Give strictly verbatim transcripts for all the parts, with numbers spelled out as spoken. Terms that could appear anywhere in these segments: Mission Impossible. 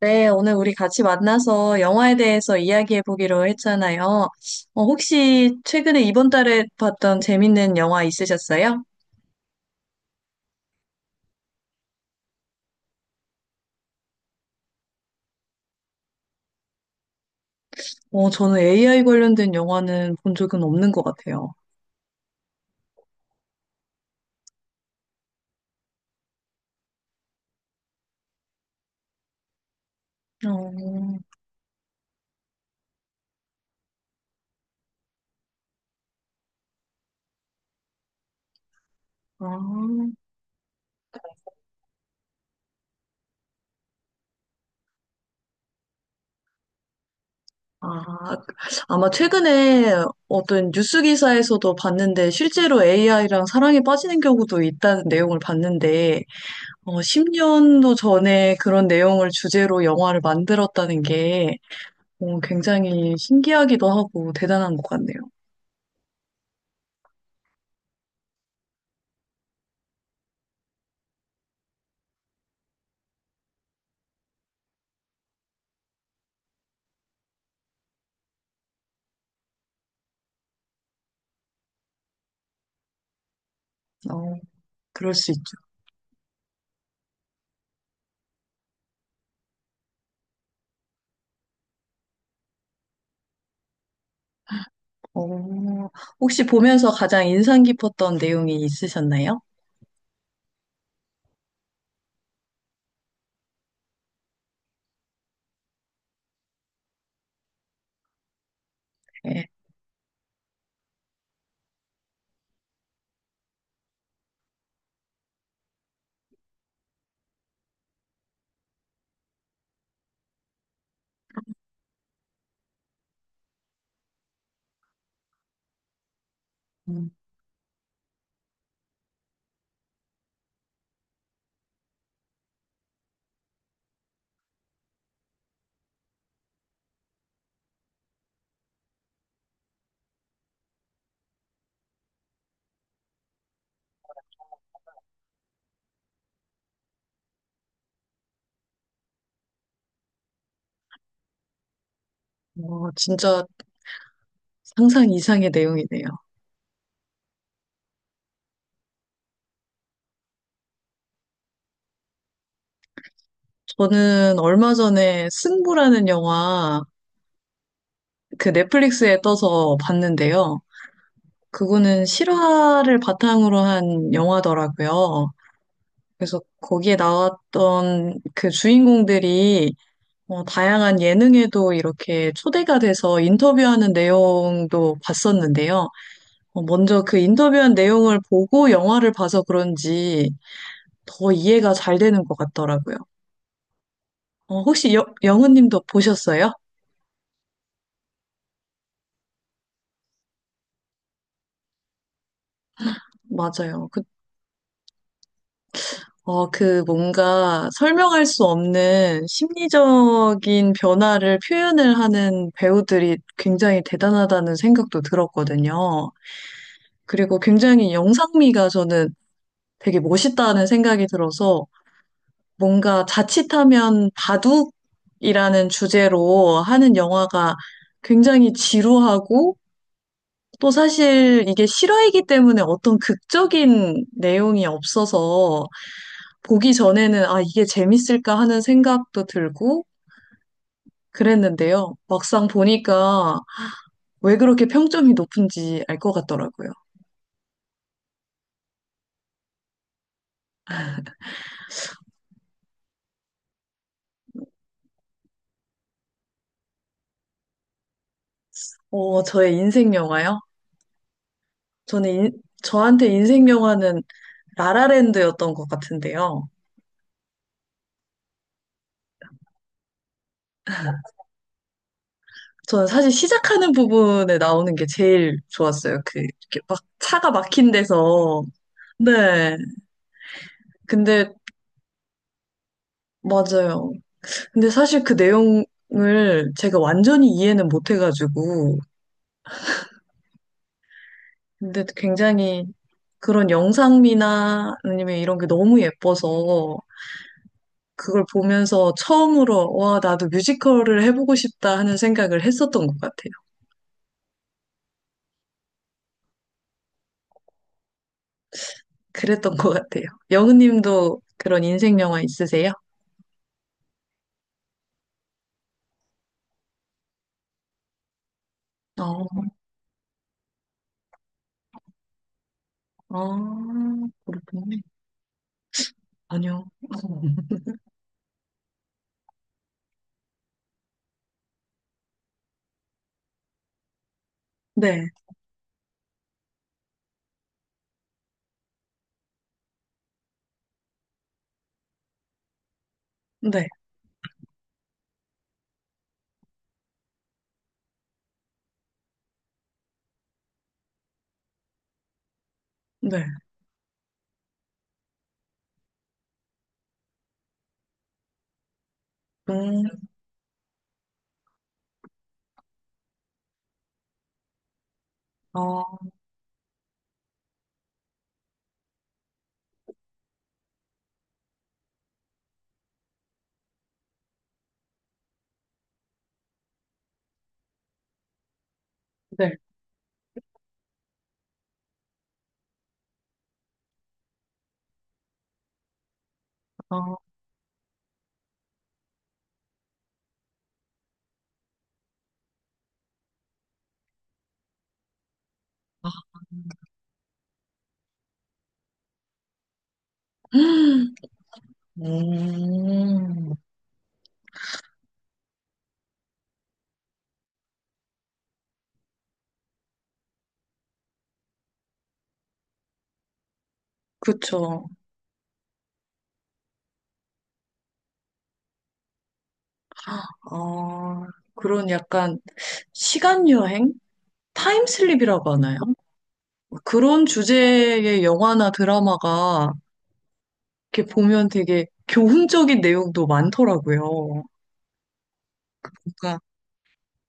네, 오늘 우리 같이 만나서 영화에 대해서 이야기해 보기로 했잖아요. 어, 혹시 최근에 이번 달에 봤던 재밌는 영화 있으셨어요? 어, 저는 에이아이 관련된 영화는 본 적은 없는 것 같아요. 어, 아, 아, 아마 최근에 어떤 뉴스 기사에서도 봤는데 실제로 에이아이랑 사랑에 빠지는 경우도 있다는 내용을 봤는데 어, 십 년도 전에 그런 내용을 주제로 영화를 만들었다는 게 어, 굉장히 신기하기도 하고 대단한 것 같네요. 어, 그럴 수 있죠. 어, 혹시 보면서 가장 인상 깊었던 내용이 있으셨나요? 네. 음, 어, 진짜 상상 이상의 내용이네요. 저는 얼마 전에 승부라는 영화 그 넷플릭스에 떠서 봤는데요. 그거는 실화를 바탕으로 한 영화더라고요. 그래서 거기에 나왔던 그 주인공들이 어, 다양한 예능에도 이렇게 초대가 돼서 인터뷰하는 내용도 봤었는데요. 어, 먼저 그 인터뷰한 내용을 보고 영화를 봐서 그런지 더 이해가 잘 되는 것 같더라고요. 어, 혹시 여, 영은님도 보셨어요? 맞아요. 그, 어, 그 뭔가 설명할 수 없는 심리적인 변화를 표현을 하는 배우들이 굉장히 대단하다는 생각도 들었거든요. 그리고 굉장히 영상미가 저는 되게 멋있다는 생각이 들어서 뭔가 자칫하면 바둑이라는 주제로 하는 영화가 굉장히 지루하고 또 사실 이게 실화이기 때문에 어떤 극적인 내용이 없어서 보기 전에는 아, 이게 재밌을까 하는 생각도 들고 그랬는데요. 막상 보니까 왜 그렇게 평점이 높은지 알 것 같더라고요. 어, 저의 인생 영화요? 저는 인- 저한테 인생 영화는 라라랜드였던 것 같은데요. 저는 사실 시작하는 부분에 나오는 게 제일 좋았어요. 그, 이렇게 막 차가 막힌 데서. 네. 근데, 맞아요. 근데 사실 그 내용을 제가 완전히 이해는 못 해가지고. 근데 굉장히 그런 영상미나 아니면 이런 게 너무 예뻐서 그걸 보면서 처음으로, 와, 나도 뮤지컬을 해보고 싶다 하는 생각을 했었던 것 같아요. 그랬던 것 같아요. 영은님도 그런 인생 영화 있으세요? 어 아, 그렇군요. 아니요. 네, 네, 네. 음, 아, 네, 아, 아. 음, 그쵸. 아, 그런 약간 시간 여행? 타임슬립이라고 하나요? 그런 주제의 영화나 드라마가 이렇게 보면 되게 교훈적인 내용도 많더라고요. 그러니까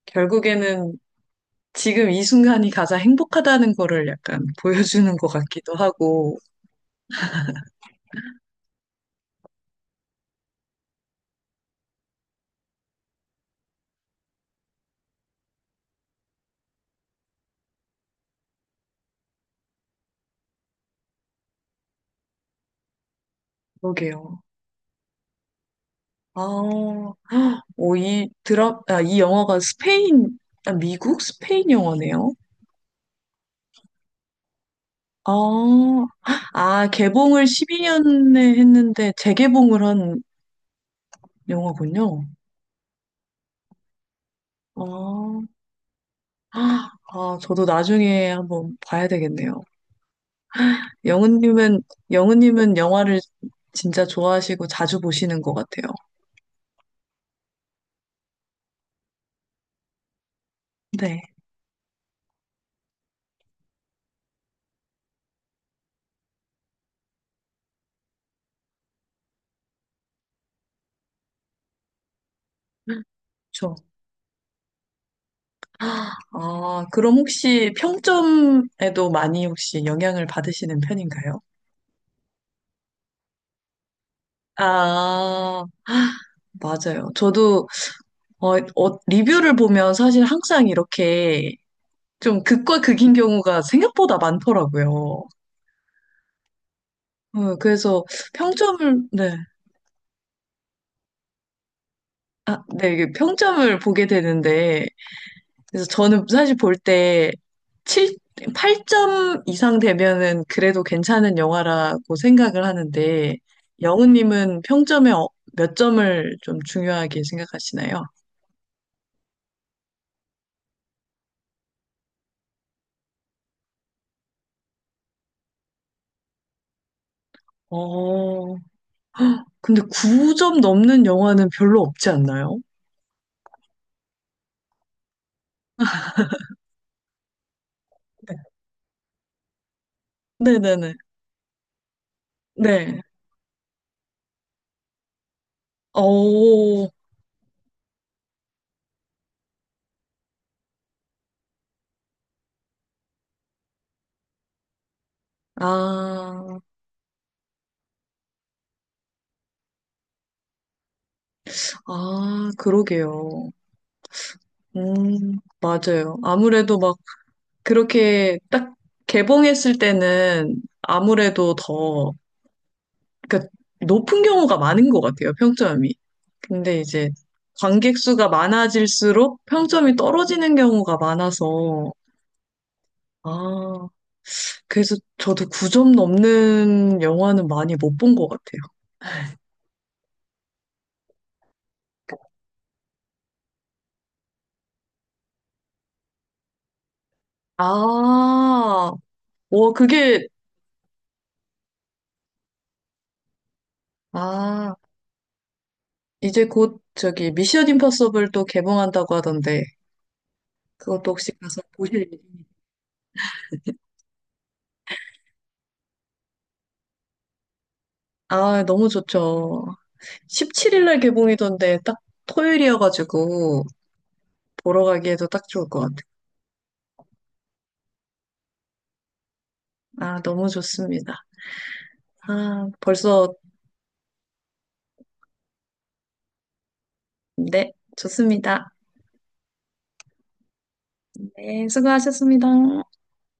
결국에는 지금 이 순간이 가장 행복하다는 거를 약간 보여주는 것 같기도 하고, 그러게요. 아, 오, 이 드라, 아, 이 영화가 스페인, 아, 미국? 스페인 영화네요. 아, 아, 개봉을 십이 년에 했는데 재개봉을 한 영화군요. 아, 아, 저도 나중에 한번 봐야 되겠네요. 영은님은, 영은님은 영화를 진짜 좋아하시고 자주 보시는 것 같아요. 네, 그렇죠. 아, 그럼 혹시 평점에도 많이 혹시 영향을 받으시는 편인가요? 아, 맞아요. 저도 어, 어, 리뷰를 보면 사실 항상 이렇게 좀 극과 극인 경우가 생각보다 많더라고요. 어, 그래서 평점을, 네. 아, 네, 이게 평점을 보게 되는데, 그래서 저는 사실 볼 때, 칠 팔 점 이상 되면은 그래도 괜찮은 영화라고 생각을 하는데, 영우님은 평점에 어- 몇 점을 좀 중요하게 생각하시나요? 어, 근데 구 점 넘는 영화는 별로 없지 않나요? 네. 네네네. 네. 오, 아, 아, 그러게요. 음, 맞아요. 아무래도 막 그렇게 딱 개봉했을 때는 아무래도 더, 그러니까 높은 경우가 많은 것 같아요, 평점이. 근데 이제 관객 수가 많아질수록 평점이 떨어지는 경우가 많아서, 아, 그래서 저도 구 점 넘는 영화는 많이 못 본 것 같아요. 아, 와, 그게, 아, 이제 곧 저기 미션 임파서블 또 개봉한다고 하던데, 그것도 혹시 가서 보실 일이 있으세요? 아, 너무 좋죠. 십칠 일 날 개봉이던데, 딱 토요일이어가지고, 보러 가기에도 딱 좋을 것 같아요. 아, 너무 좋습니다. 아, 벌써, 네, 좋습니다. 네, 수고하셨습니다.